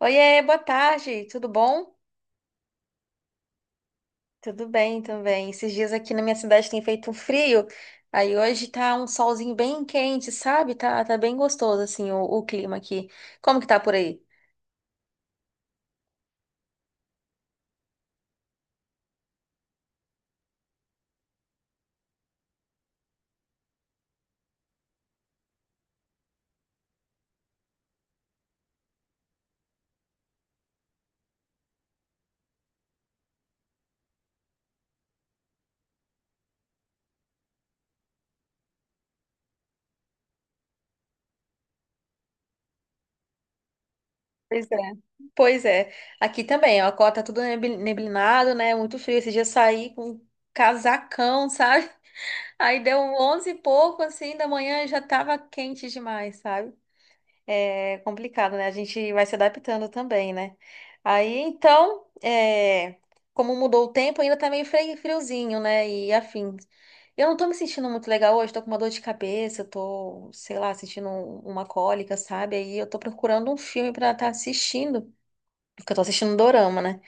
Oiê, boa tarde, tudo bom? Tudo bem também. Esses dias aqui na minha cidade tem feito um frio, aí hoje tá um solzinho bem quente, sabe? Tá bem gostoso, assim, o clima aqui. Como que tá por aí? Pois é. Pois é. Aqui também, ó, tá tudo neblinado, né? Muito frio. Esse dia eu saí com um casacão, sabe? Aí deu um 11 e pouco, assim, da manhã e já tava quente demais, sabe? É complicado, né? A gente vai se adaptando também, né? Aí, então, como mudou o tempo, ainda tá meio friozinho, né? E afim, eu não tô me sentindo muito legal hoje, tô com uma dor de cabeça, tô, sei lá, sentindo uma cólica, sabe? Aí eu tô procurando um filme pra estar assistindo, porque eu tô assistindo um dorama, né?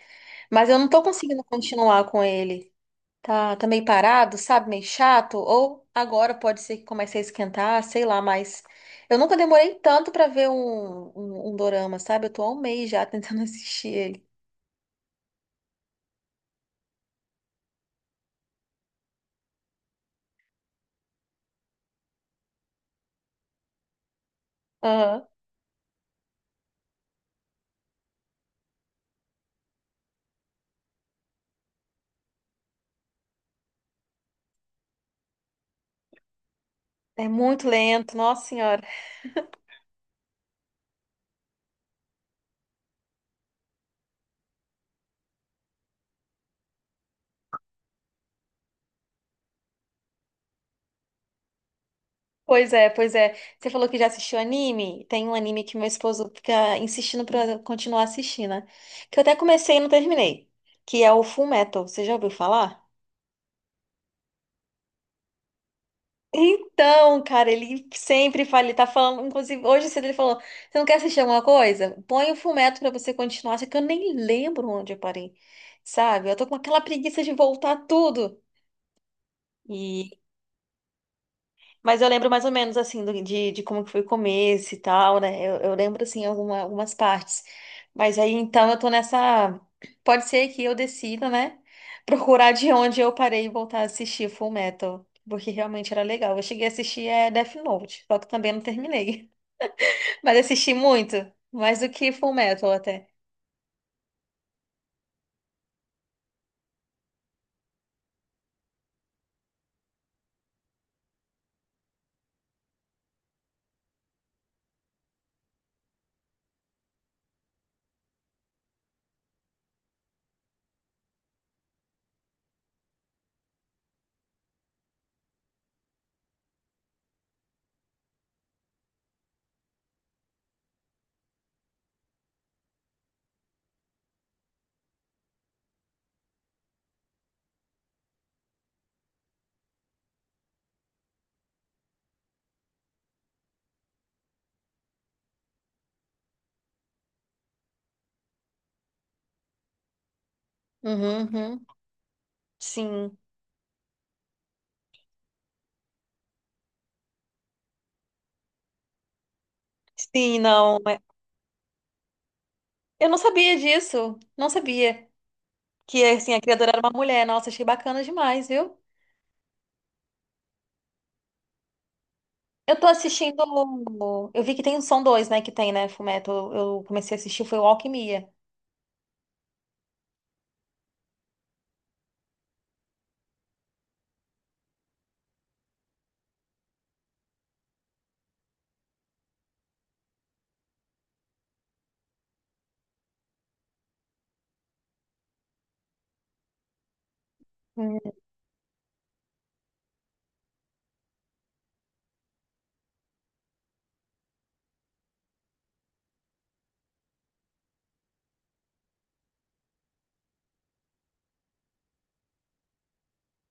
Mas eu não tô conseguindo continuar com ele. Tá meio parado, sabe? Meio chato. Ou agora pode ser que comece a esquentar, sei lá, mas eu nunca demorei tanto pra ver um dorama, sabe? Eu tô há um mês já tentando assistir ele. Aham. É muito lento, nossa senhora. Pois é, pois é. Você falou que já assistiu anime? Tem um anime que meu esposo fica insistindo pra eu continuar assistindo, né? Que eu até comecei e não terminei. Que é o Full Metal. Você já ouviu falar? Então, cara, ele sempre fala, ele tá falando, inclusive hoje cedo ele falou, você não quer assistir alguma coisa? Põe o Fullmetal pra você continuar, só que eu nem lembro onde eu parei, sabe? Eu tô com aquela preguiça de voltar tudo. Mas eu lembro mais ou menos assim de como que foi o começo e tal, né? Eu lembro assim algumas partes. Mas aí então eu tô nessa. Pode ser que eu decida, né? Procurar de onde eu parei e voltar a assistir Full Metal. Porque realmente era legal. Eu cheguei a assistir Death Note, só que também não terminei. Mas assisti muito, mais do que Full Metal até. Uhum, uhum. Sim. Sim, não. Eu não sabia disso. Não sabia que assim, a criadora era uma mulher. Nossa, achei bacana demais, viu? Eu tô assistindo. Eu vi que tem são dois, né? Que tem, né? Fullmetal. Eu comecei a assistir, foi o Alquimia. Hum,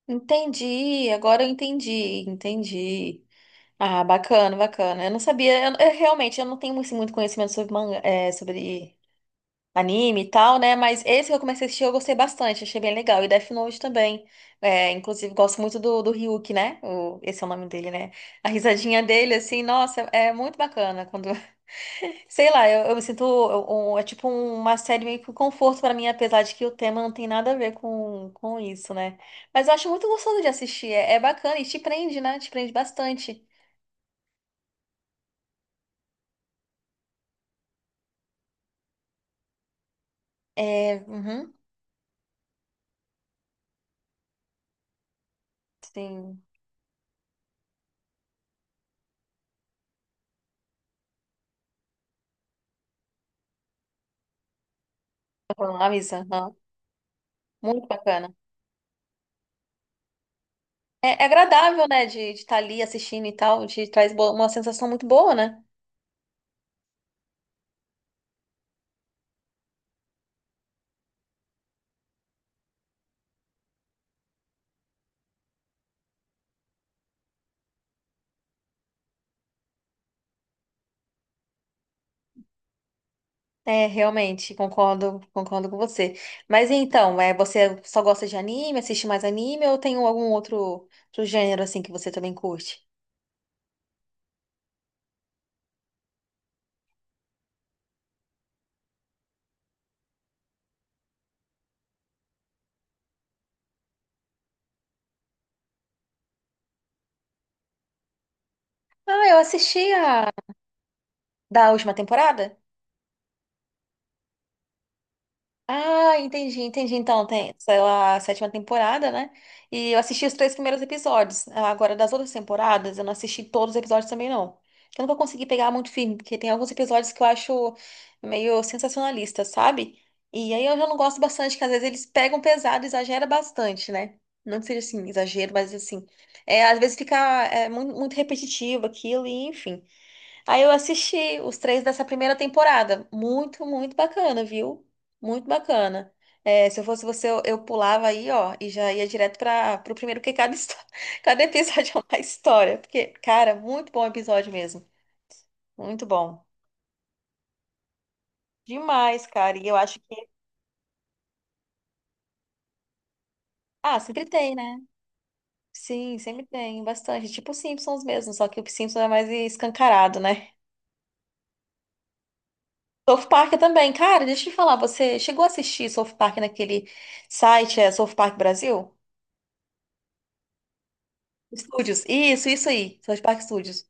Entendi, agora eu entendi, entendi. Ah, bacana, bacana. Eu não sabia, eu realmente eu não tenho assim, muito conhecimento sobre manga, sobre anime e tal, né? Mas esse que eu comecei a assistir eu gostei bastante, achei bem legal. E Death Note também. É, inclusive, gosto muito do Ryuk, né? Esse é o nome dele, né? A risadinha dele, assim, nossa, é muito bacana. Quando, sei lá, eu me sinto. É tipo uma série meio que um conforto pra mim, apesar de que o tema não tem nada a ver com isso, né? Mas eu acho muito gostoso de assistir, é, é bacana e te prende, né? Te prende bastante. É, uhum, sim. Tá falando, Avisa, aham. Muito bacana. É, é agradável, né, de estar ali assistindo e tal, te traz uma sensação muito boa, né? É, realmente, concordo, concordo com você. Mas então, você só gosta de anime, assiste mais anime ou tem algum outro, outro gênero assim que você também curte? Ah, eu assisti a da última temporada. Ah, entendi, entendi. Então, tem, saiu a sétima temporada, né? E eu assisti os três primeiros episódios. Ah, agora, das outras temporadas, eu não assisti todos os episódios também, não. Eu nunca consegui pegar muito firme, porque tem alguns episódios que eu acho meio sensacionalista, sabe? E aí eu já não gosto bastante, que às vezes eles pegam pesado, exagera bastante, né? Não que seja assim, exagero, mas assim. É, às vezes fica muito, muito repetitivo aquilo, e enfim. Aí eu assisti os três dessa primeira temporada. Muito, muito bacana, viu? Muito bacana. É, se eu fosse você, eu pulava aí, ó, e já ia direto para o primeiro, porque cada episódio é uma história. Porque, cara, muito bom episódio mesmo. Muito bom. Demais, cara. E eu acho que. Ah, sempre tem, né? Sim, sempre tem, bastante. Tipo os Simpsons mesmo, só que o Simpsons é mais escancarado, né? South Park também. Cara, deixa eu te falar, você chegou a assistir South Park naquele site, é South Park Brasil? Studios. Isso aí. South Park Studios.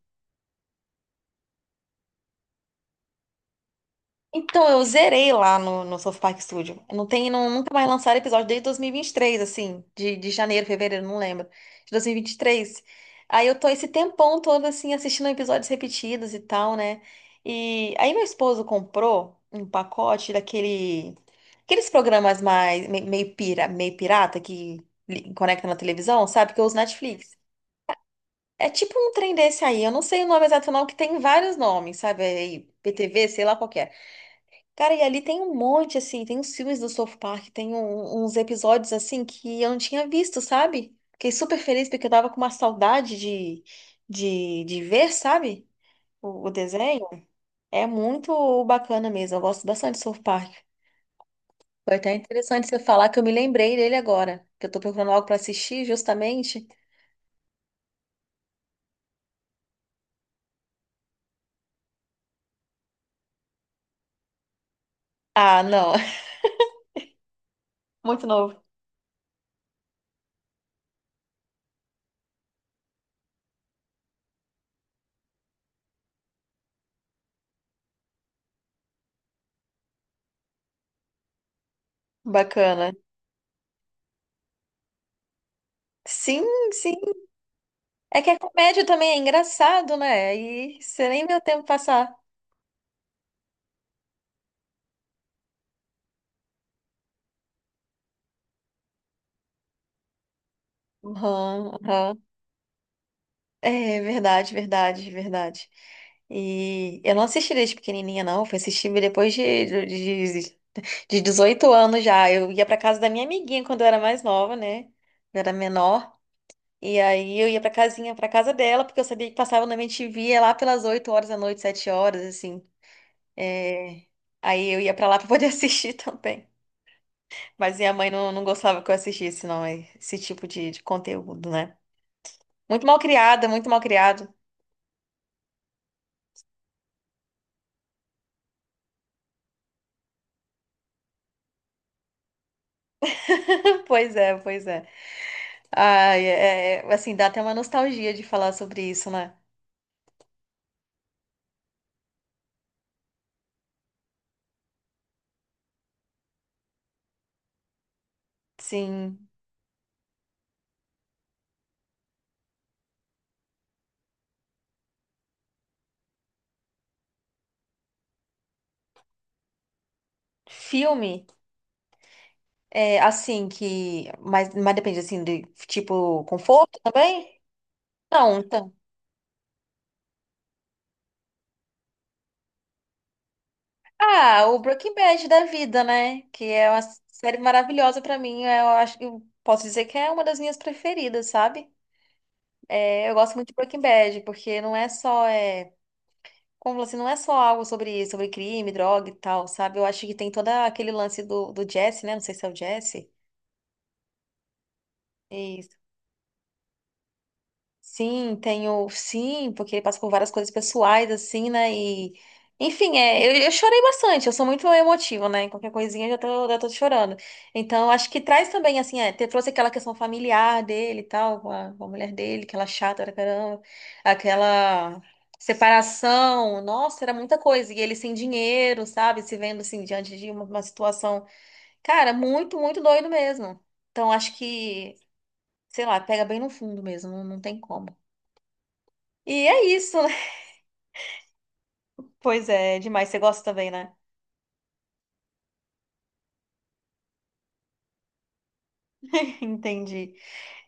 Então, eu zerei lá no South Park Studio. Não tem, não, nunca mais lançaram episódio desde 2023, assim, de janeiro, fevereiro, não lembro. De 2023. Aí eu tô esse tempão todo, assim, assistindo episódios repetidos e tal, né? E aí meu esposo comprou um pacote daquele, aqueles programas mais, meio pirata que conecta na televisão, sabe? Que eu uso Netflix. É tipo um trem desse aí, eu não sei o nome exato não, que tem vários nomes, sabe? É Aí, PTV, sei lá qual que é. Cara, e ali tem um monte, assim, tem uns filmes do South Park, tem uns episódios, assim, que eu não tinha visto, sabe? Fiquei super feliz porque eu tava com uma saudade de ver, sabe? O desenho. É muito bacana mesmo, eu gosto bastante do South Park. Foi até interessante você falar que eu me lembrei dele agora, que eu tô procurando algo pra assistir justamente. Ah, não, muito novo, bacana. Sim, é que a comédia também é engraçado, né? E você nem vê o tempo passar. Aham, aham. É verdade, verdade, verdade. E eu não assisti desde pequenininha, não. Fui assistir depois de 18 anos já. Eu ia pra casa da minha amiguinha quando eu era mais nova, né? Eu era menor. E aí eu ia pra casinha, pra casa dela, porque eu sabia que passava na MTV é lá pelas 8 horas da noite, 7 horas, assim. É, Aí eu ia pra lá pra poder assistir também. Mas minha mãe não gostava que eu assistisse, não, esse tipo de conteúdo, né? Muito mal criada, muito mal criado. Pois é, pois é. Ai, é, assim, dá até uma nostalgia de falar sobre isso, né? Sim. Filme, assim, que... Mas depende, assim, de, tipo, conforto também? Não, então. Ah, o Breaking Bad da vida, né? Que é uma série maravilhosa pra mim. Eu acho que... eu posso dizer que é uma das minhas preferidas, sabe? É, eu gosto muito de Breaking Bad, porque não é só... Como assim, não é só algo sobre crime, droga e tal, sabe? Eu acho que tem todo aquele lance do Jesse, né? Não sei se é o Jesse. Isso. Sim, tenho. Sim, porque ele passa por várias coisas pessoais, assim, né? E. Enfim, eu chorei bastante, eu sou muito emotiva, né? Qualquer coisinha eu já tô chorando. Então, acho que traz também, assim, trouxe aquela questão familiar dele e tal, com a mulher dele, aquela chata pra caramba, aquela separação, nossa, era muita coisa. E ele sem dinheiro, sabe? Se vendo, assim, diante de uma situação, cara, muito, muito doido mesmo. Então, acho que, sei lá, pega bem no fundo mesmo, não tem como. E é isso, né? Pois é, é demais. Você gosta também, né? Entendi.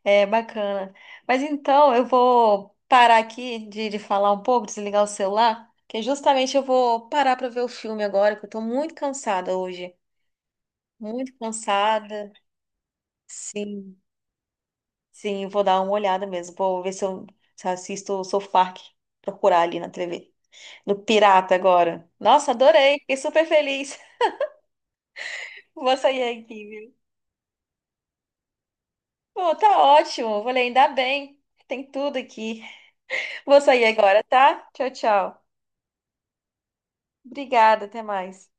É bacana. Mas então, eu vou parar aqui de falar um pouco, desligar o celular, que justamente eu vou parar para ver o filme agora, que eu tô muito cansada hoje. Muito cansada. Sim, sim, eu vou dar uma olhada mesmo. Vou ver se eu assisto o South Park, procurar ali na TV. No Pirata agora. Nossa, adorei. Fiquei super feliz. Vou sair aqui, viu? Pô, tá ótimo. Falei, ainda bem. Tem tudo aqui. Vou sair agora, tá? Tchau, tchau. Obrigada, até mais.